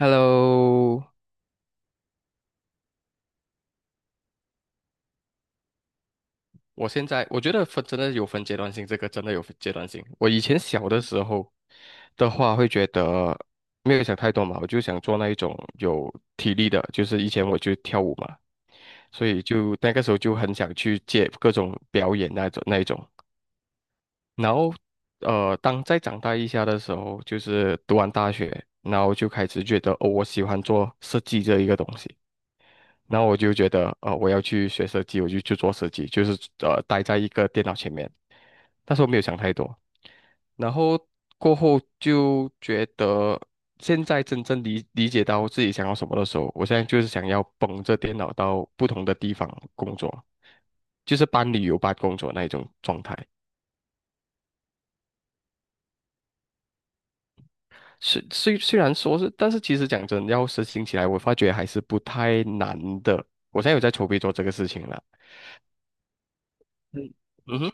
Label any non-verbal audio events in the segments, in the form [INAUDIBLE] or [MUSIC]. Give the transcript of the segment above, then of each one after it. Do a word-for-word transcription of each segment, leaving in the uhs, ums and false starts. Hello，我现在我觉得分真的有分阶段性，这个真的有分阶段性。我以前小的时候的话，会觉得没有想太多嘛，我就想做那一种有体力的，就是以前我就跳舞嘛，所以就那个时候就很想去接各种表演那种那一种。然后呃，当再长大一下的时候，就是读完大学，然后就开始觉得哦，我喜欢做设计这一个东西。然后我就觉得，呃，我要去学设计，我就去做设计，就是呃，待在一个电脑前面。但是我没有想太多，然后过后就觉得，现在真正理理解到自己想要什么的时候，我现在就是想要捧着电脑到不同的地方工作，就是搬旅游搬工作那一种状态。虽虽虽然说是，但是其实讲真，要实行起来，我发觉还是不太难的。我现在有在筹备做这个事情了。嗯，嗯哼。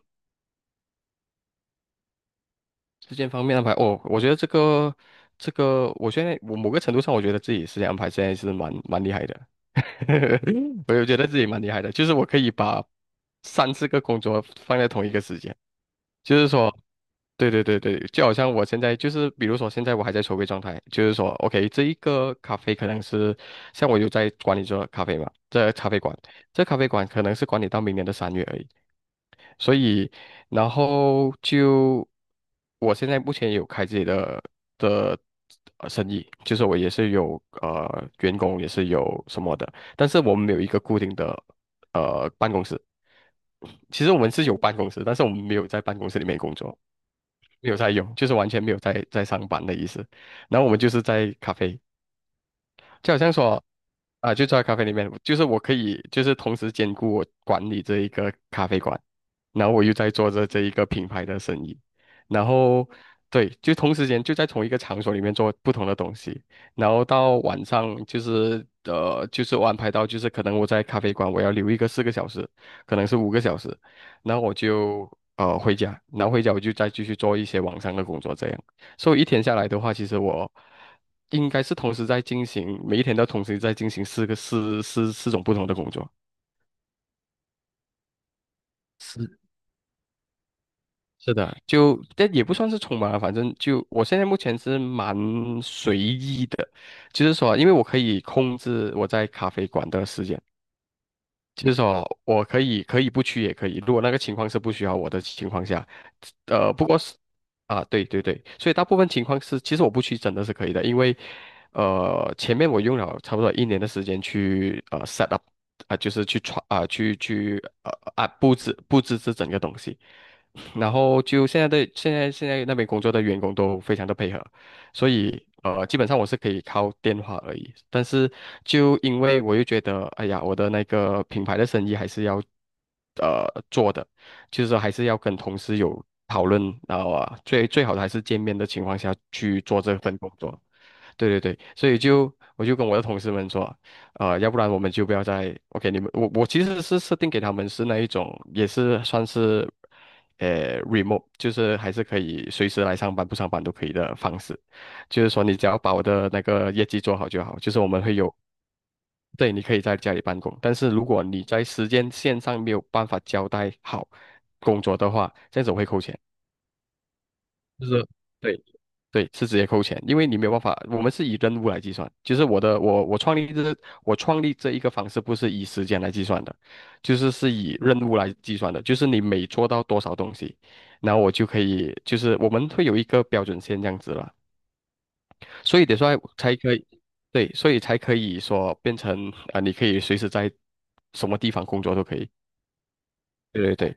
时间方面安排，哦，我觉得这个这个，我现在我某个程度上，我觉得自己时间安排现在是蛮蛮厉害的，[LAUGHS] 我就觉得自己蛮厉害的，就是我可以把三四个工作放在同一个时间，就是说，对对对对，就好像我现在就是，比如说现在我还在筹备状态，就是说，OK，这一个咖啡可能是像我有在管理这咖啡嘛，这咖啡馆，这咖啡馆可能是管理到明年的三月而已，所以然后就。我现在目前有开自己的的呃生意，就是我也是有呃员工，也是有什么的，但是我们没有一个固定的呃办公室。其实我们是有办公室，但是我们没有在办公室里面工作，没有在用，就是完全没有在在上班的意思。然后我们就是在咖啡。就好像说啊，就坐在咖啡里面，就是我可以就是同时兼顾我管理这一个咖啡馆，然后我又在做着这一个品牌的生意，然后对，就同时间就在同一个场所里面做不同的东西，然后到晚上就是呃就是我安排到就是可能我在咖啡馆我要留一个四个小时，可能是五个小时，然后我就呃回家，然后回家我就再继续做一些网上的工作这样。所以一天下来的话，其实我应该是同时在进行，每一天都同时在进行四个四四四种不同的工作。是的，就但也不算是匆忙啊，反正就我现在目前是蛮随意的，就是说，因为我可以控制我在咖啡馆的时间。就是说，我可以可以不去也可以，如果那个情况是不需要我的情况下，呃，不过是啊，对对对，所以大部分情况是，其实我不去真的是可以的，因为呃，前面我用了差不多一年的时间去呃 set up 啊、就是去传啊、去去呃啊布置布置这整个东西，然后就现在的现在现在那边工作的员工都非常的配合。所以呃，基本上我是可以靠电话而已。但是就因为我又觉得，哎呀，我的那个品牌的生意还是要呃做的，就是说还是要跟同事有讨论，然后啊，最最好的还是见面的情况下去做这份工作。对对对，所以就我就跟我的同事们说，呃，要不然我们就不要再 OK，你们我我其实是设定给他们是那一种，也是算是呃 remote，就是还是可以随时来上班不上班都可以的方式，就是说你只要把我的那个业绩做好就好，就是我们会有。对，你可以在家里办公，但是如果你在时间线上没有办法交代好工作的话，这样子我会扣钱。就是对，对，是直接扣钱，因为你没有办法，我们是以任务来计算，就是我的我我创立这我创立这一个方式不是以时间来计算的，就是是以任务来计算的，就是你每做到多少东西，然后我就可以，就是我们会有一个标准线这样子了，所以得说才可以，对，所以才可以说变成啊、呃你可以随时在什么地方工作都可以，对对对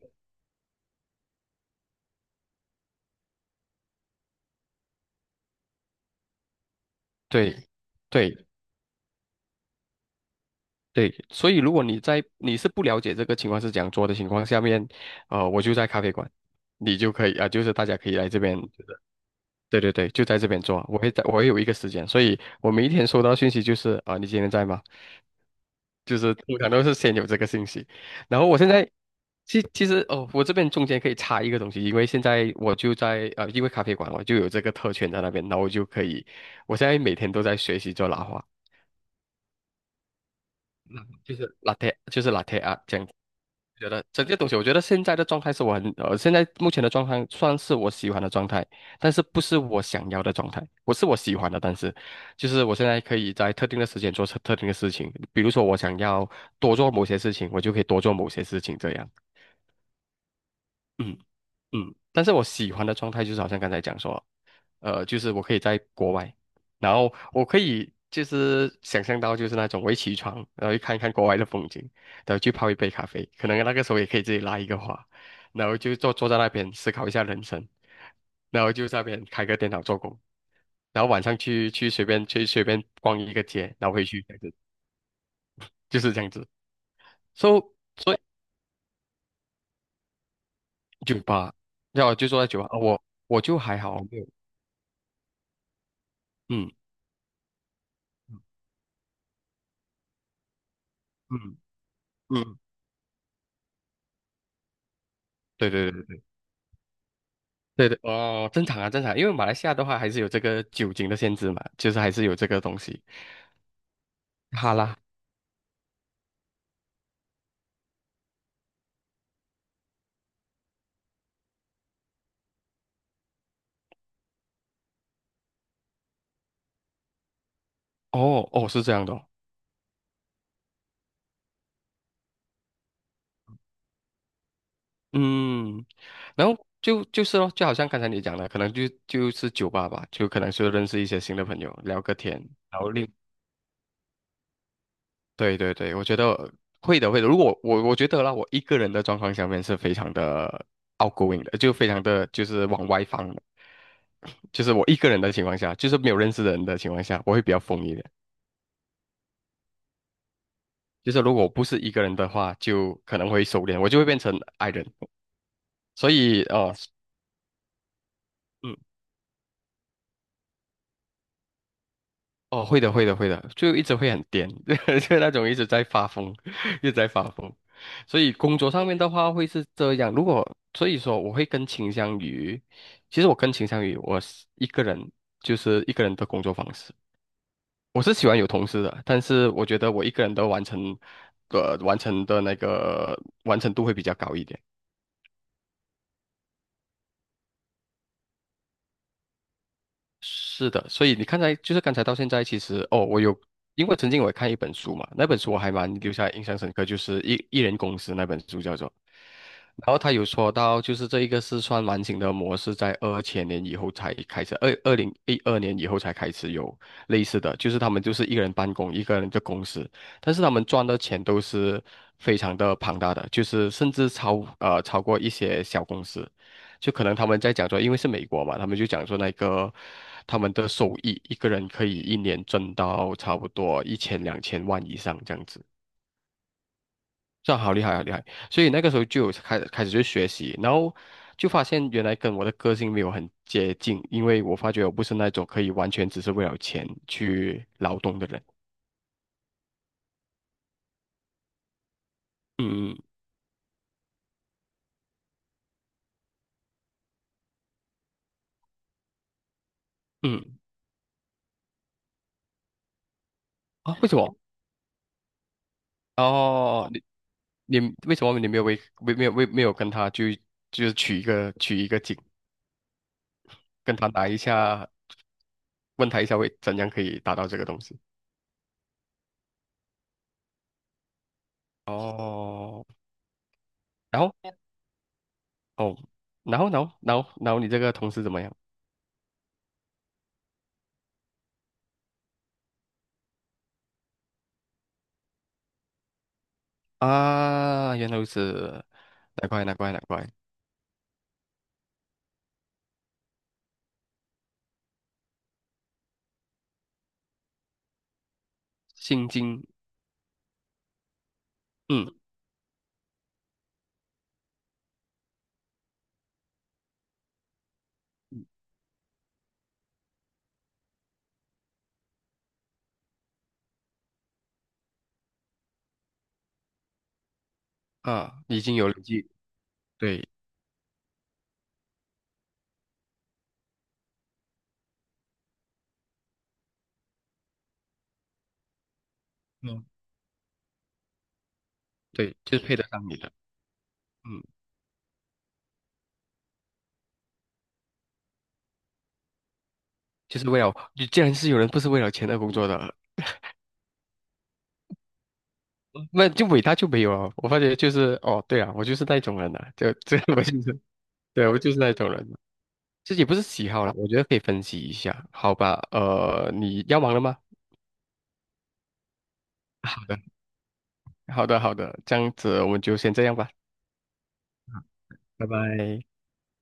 对。对对，所以如果你在你是不了解这个情况是怎样做的情况下面，呃，我就在咖啡馆，你就可以啊、就是大家可以来这边，对对对，就在这边做，我会在，我会有一个时间，所以我每一天收到信息就是啊、你今天在吗？就是通常都是先有这个信息，然后我现在其其实哦，我这边中间可以插一个东西，因为现在我就在呃，因为咖啡馆我就有这个特权在那边，然后我就可以，我现在每天都在学习做拉花，嗯就是 l a 就是 l a 啊这样觉得这个东西，我觉得现在的状态是我很呃，现在目前的状态算是我喜欢的状态，但是不是我想要的状态，不是我喜欢的，但是就是我现在可以在特定的时间做特特定的事情，比如说我想要多做某些事情，我就可以多做某些事情这样，嗯嗯，但是我喜欢的状态就是好像刚才讲说，呃，就是我可以在国外，然后我可以就是想象到就是那种我一起床，然后去看一看国外的风景，然后去泡一杯咖啡，可能那个时候也可以自己拉一个花，然后就坐坐在那边思考一下人生，然后就在那边开个电脑做工，然后晚上去去随便去随便逛一个街，然后回去这样子，就是这样子。So 所以酒吧，要就坐在酒吧，呃我我就还好，没有，嗯嗯嗯，嗯对对对。对对，哦，正常啊，正常啊，因为马来西亚的话还是有这个酒精的限制嘛，就是还是有这个东西。好啦，哦哦，是这样的哦嗯，然后就就是咯，就好像刚才你讲的，可能就就是酒吧吧，就可能是认识一些新的朋友，聊个天，然后另，对对对，我觉得会的会的。如果我我觉得啦，我一个人的状况下面是非常的 outgoing 的，就非常的就是往外放的，[CLEARS THROAT] 就是我一个人的情况下，就是没有认识的人的情况下，我会比较疯一点。就是如果不是一个人的话，就可能会收敛，我就会变成 I 人。所以哦，嗯，哦，会的，会的，会的，就一直会很颠，[LAUGHS] 就那种一直在发疯，[LAUGHS] 一直在发疯。所以工作上面的话会是这样。如果所以说，我会更倾向于，其实我更倾向于我是一个人，就是一个人的工作方式。我是喜欢有同事的，但是我觉得我一个人的完成，呃，完成的那个完成度会比较高一点。是的，所以你看才就是刚才到现在，其实哦，我有，因为曾经我也看一本书嘛，那本书我还蛮留下印象深刻，就是一艺人公司那本书叫做。然后他有说到，就是这一个四川完型的模式，在二千年以后才开始，二二零一二年以后才开始有类似的，就是他们就是一个人办公，一个人的公司，但是他们赚的钱都是非常的庞大的，就是甚至超呃超过一些小公司，就可能他们在讲说，因为是美国嘛，他们就讲说那个他们的收益，一个人可以一年挣到差不多一千两千万以上这样子。这样好厉害，好厉害！所以那个时候就有开开始去学习，然后就发现原来跟我的个性没有很接近，因为我发觉我不是那种可以完全只是为了钱去劳动的人。嗯嗯嗯啊，为什么？哦，你你为什么你没有为为没有为没有跟他去就是取一个取一个景，跟他打一下，问他一下为怎样可以达到这个东西？哦，然后哦，然后然后然后然后你这个同事怎么样？啊，原来如此，难怪难怪难怪，心经，嗯啊，已经有了记，对，嗯，对，就是配得上你的，嗯，就是为了，你既然是有人不是为了钱而工作的，嗯那就伟大就没有了。我发觉就是，哦，对啊，我就是那种人啊，就这 [LAUGHS] 我就是，对，我就是那种人，这也不是喜好了，我觉得可以分析一下，好吧？呃，你要忙了吗？好的，好的，好的，这样子我们就先这样吧，拜拜。